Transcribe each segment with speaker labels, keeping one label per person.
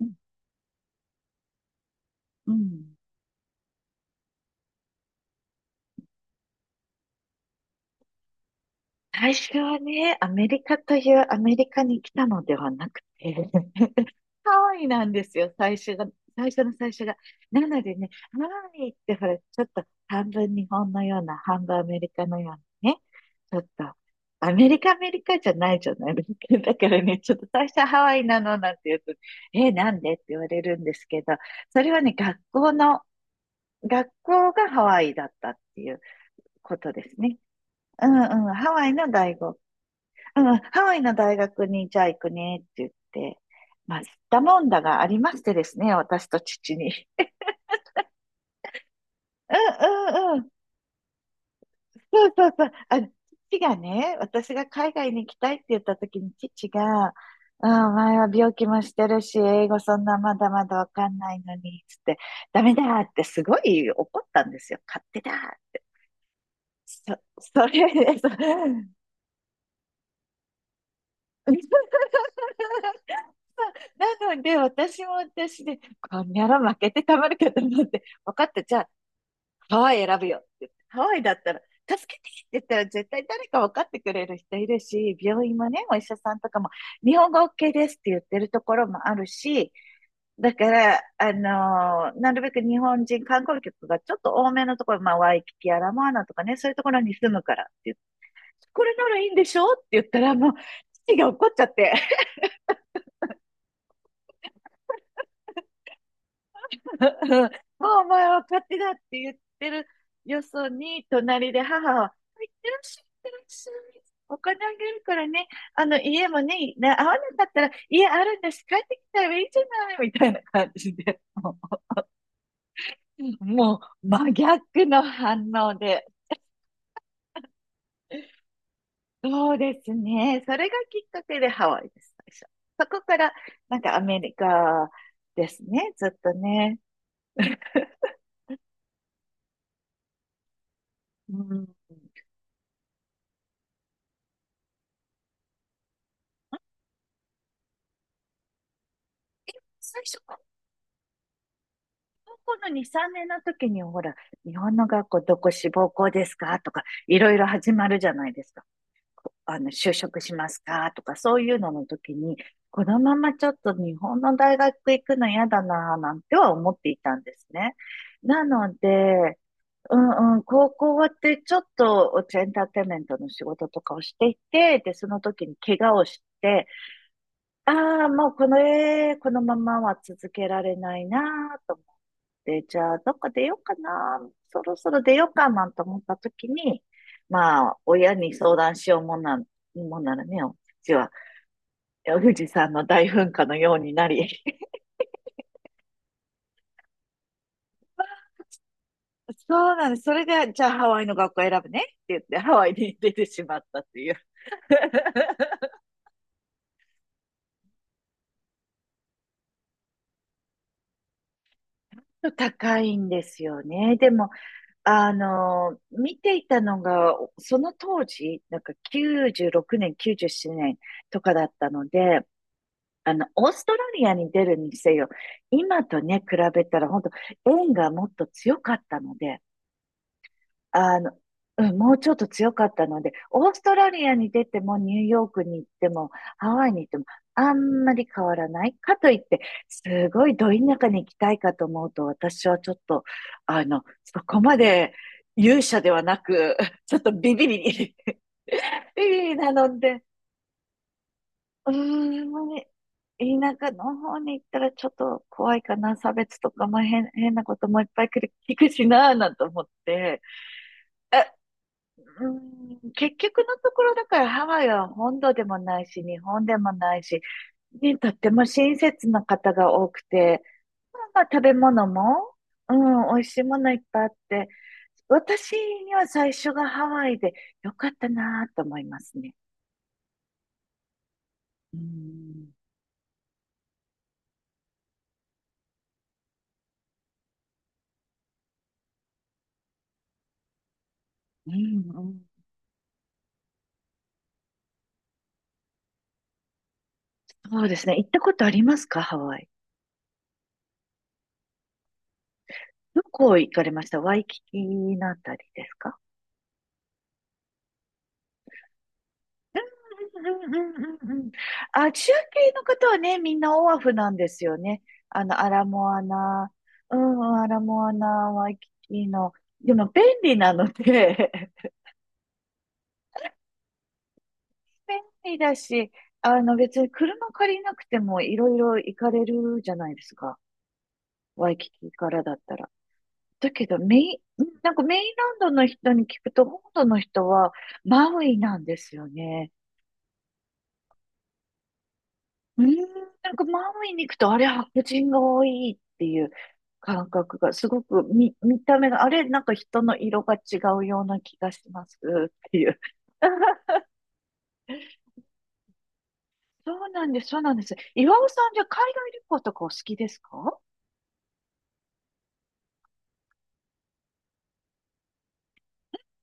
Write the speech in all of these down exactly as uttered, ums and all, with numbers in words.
Speaker 1: うんうん最初はね、アメリカというアメリカに来たのではなくて、ハワイなんですよ、最初が、最初の最初が。なのでね、ハワイってほら、ちょっと半分日本のような、半分アメリカのようなね、ちょっと、アメリカ、アメリカじゃないじゃないですか。だからね、ちょっと最初はハワイなのなんて言うと、え、なんでって言われるんですけど、それはね、学校の、学校がハワイだったっていうことですね。うんうん、ハワイの大学、うん、ハワイの大学にじゃあ行くねって言って、まあ、吸ったもんだがありましてですね、私と父に。うんうんうん、そうそうそう、あ、父がね、私が海外に行きたいって言った時に父が、うん、お前は病気もしてるし、英語そんなまだまだわかんないのに、つって、ダメだってすごい怒ったんですよ。勝手だ。そ、それ、そうなので、私も私で、こんにゃら負けてたまるかと思って、分かった、じゃあ、ハワイ選ぶよって言って。ハワイだったら、助けてって言ったら絶対誰か分かってくれる人いるし、病院もね、お医者さんとかも、日本語 OK ですって言ってるところもあるし、だから、あのーなるべく日本人観光客がちょっと多めのところ、まあ、ワイキキやラモアナとかね、そういうところに住むからって言って、これならいいんでしょって言ったら、もう、父が怒っちゃって。もうお前は勝手だって言ってるよそに、隣で母は、いってらっしゃい、いってらっしゃい。お金あげるからね、あの家もね、な合わなかったら家あるんだし、帰ってきたらいいじゃないみたいな感じで、もう、もう真逆の反応で、そうですね。それがきっかけでハワイです、最初。そこから、なんかアメリカですね、ずっとね。うん、最初、こ高校のに、さんねんの時に、ほら、日本の学校どこ志望校ですかとか、いろいろ始まるじゃないですか。あの、就職しますかとか、そういうのの時に、このままちょっと日本の大学行くの嫌だなぁなんては思っていたんですね。なので、うんうん、高校終わってちょっとエンターテインメントの仕事とかをしていて、で、その時に怪我をして、ああ、もうこの、えーこのままは続けられないなぁと思っで、じゃあ、どっか出ようかな、そろそろ出ようかなんて思った時に、まあ、親に相談しようもんな、もんならね、うちは、富士山の大噴火のようになり、そうなんです。それで、じゃあハワイの学校選ぶねって言って、ハワイに出てしまったっていう。高いんですよね。でも、あの、見ていたのが、その当時、なんかきゅうじゅうろくねん、きゅうじゅうななねんとかだったので、あの、オーストラリアに出るにせよ、今とね、比べたら、本当縁がもっと強かったので、あの、うん、もうちょっと強かったので、オーストラリアに出ても、ニューヨークに行っても、ハワイに行っても、あんまり変わらない。かといって、すごいど田舎に行きたいかと思うと、私はちょっと、あの、そこまで勇者ではなく、ちょっとビビリ、ビビリなので、うーん、まあね田舎の方に行ったらちょっと怖いかな。差別とか、まあ、変、変なこともいっぱい来る聞くしなぁなんて思って。えうーん、結局のところだからハワイは本土でもないし、日本でもないし、ね、とっても親切な方が多くて、まあ、まあ食べ物も、うん、美味しいものいっぱいあって、私には最初がハワイで良かったなぁと思いますね。うんうん、うん、そうですね。行ったことありますかハワイ。どこ行かれましたワイキキのあたりですかうんうんうんうんうん。あ、中継の方はね、みんなオアフなんですよね。あの、アラモアナ、うん、アラモアナ、ワイキキの。でも便利なので、 便利だし、あの、別に車借りなくてもいろいろ行かれるじゃないですか。ワイキキからだったら。だけど、メイン、なんかメインランドの人に聞くと、本土の人はマウイなんですよね。うーん、なんかマウイに行くと、あれ、白人が多いっていう感覚が、すごく見、見た目が、あれ、なんか人の色が違うような気がしますっていう。そうなんです、そうなんです。岩尾さん、じゃあ海外旅行とかお好きですか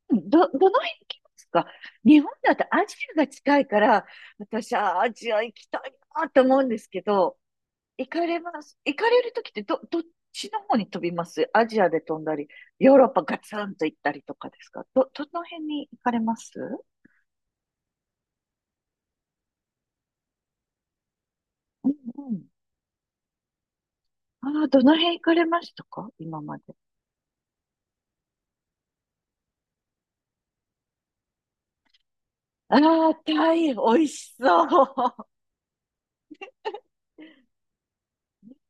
Speaker 1: うんど、どの辺行きますか日本だとアジアが近いから、私はアジア行きたいなと思うんですけど、行かれます。行かれるときってど、どっちの方に飛びますアジアで飛んだり、ヨーロッパガツンと行ったりとかですかど、どの辺に行かれますうんうん。ああ、どの辺行かれましたか今まで。ああ、タイ、美味しそう。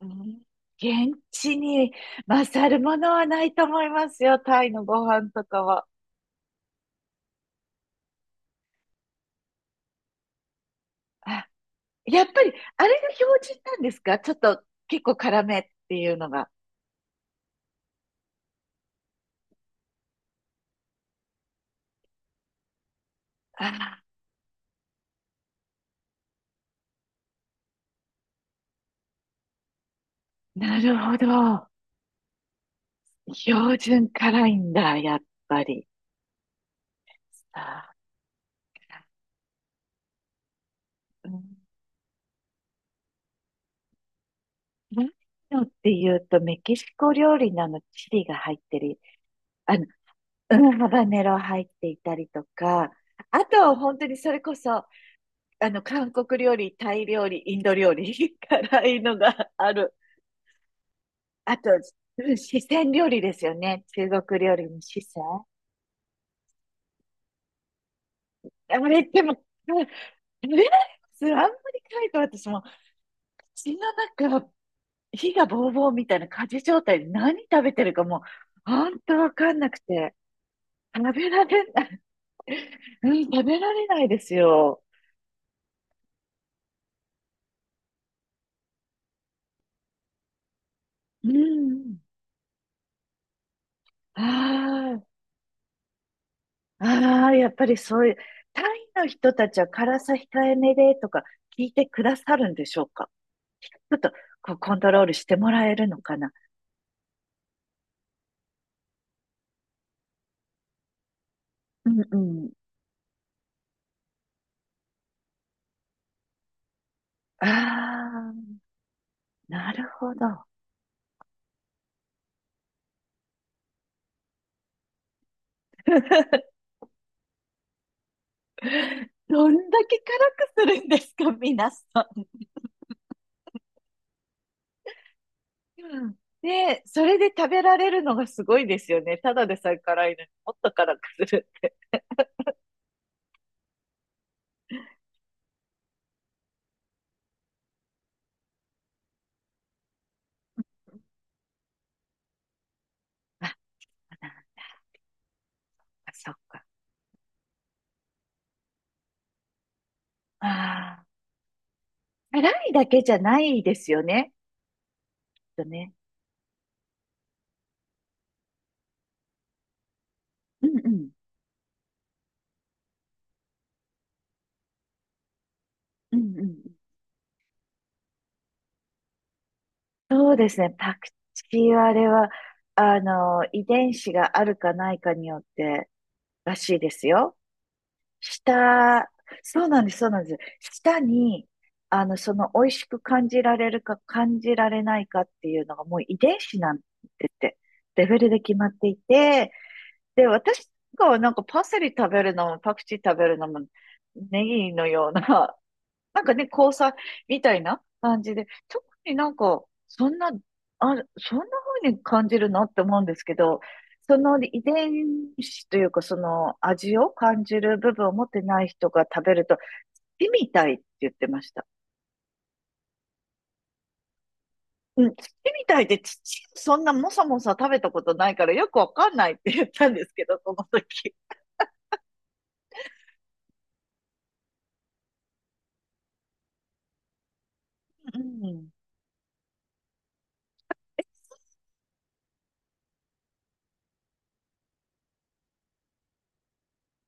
Speaker 1: うん、現地に勝るものはないと思いますよ、タイのご飯とかは。あやっぱり、あれが標準なんですかちょっと結構辛めっていうのが。ああ、なるほど。標準辛いんだ、やっぱり。あー、うん何のっていうと、メキシコ料理なのチリが入ってる。あの、うん、ハバネロ入っていたりとか、あとは本当にそれこそ、あの、韓国料理、タイ料理、インド料理、辛いのがある。あと、うん、四川料理ですよね。中国料理の四川。あれ、でも、うん、食べられますあんまり辛いと私も血の中火がボーボーみたいな火事状態で何食べてるかもう、本当わかんなくて、食べられない、うん、食べられないですよ。うん。ああ、ああ、やっぱりそういう、タイの人たちは辛さ控えめでとか聞いてくださるんでしょうかちょっとこうコントロールしてもらえるのかなうんうん。ああ、なるほど。どんだけ辛くするんですか、皆さん。うんで、それで食べられるのがすごいですよね。ただでさえ辛いのにもっと辛くする。あ、なんかそっか。ああ、辛いだけじゃないですよね。きっとね。うんうん。うんうん。そうですね。パクチーはあれは、あの、遺伝子があるかないかによってらしいですよ。下、そうなんです、そうなんです。下に、あの、その、美味しく感じられるか感じられないかっていうのがもう遺伝子なんでって、レベルで決まっていて、で、私がなんかパセリ食べるのも、パクチー食べるのも、ネギのようななんかね、交際みたいな感じで、特になんか、そんな、あ、そんな風に感じるのって思うんですけど、その遺伝子というか、その味を感じる部分を持ってない人が食べると、土みたいって言ってました。うん、土みたいで土、そんなもさもさ食べたことないからよくわかんないって言ったんですけど、その時。うん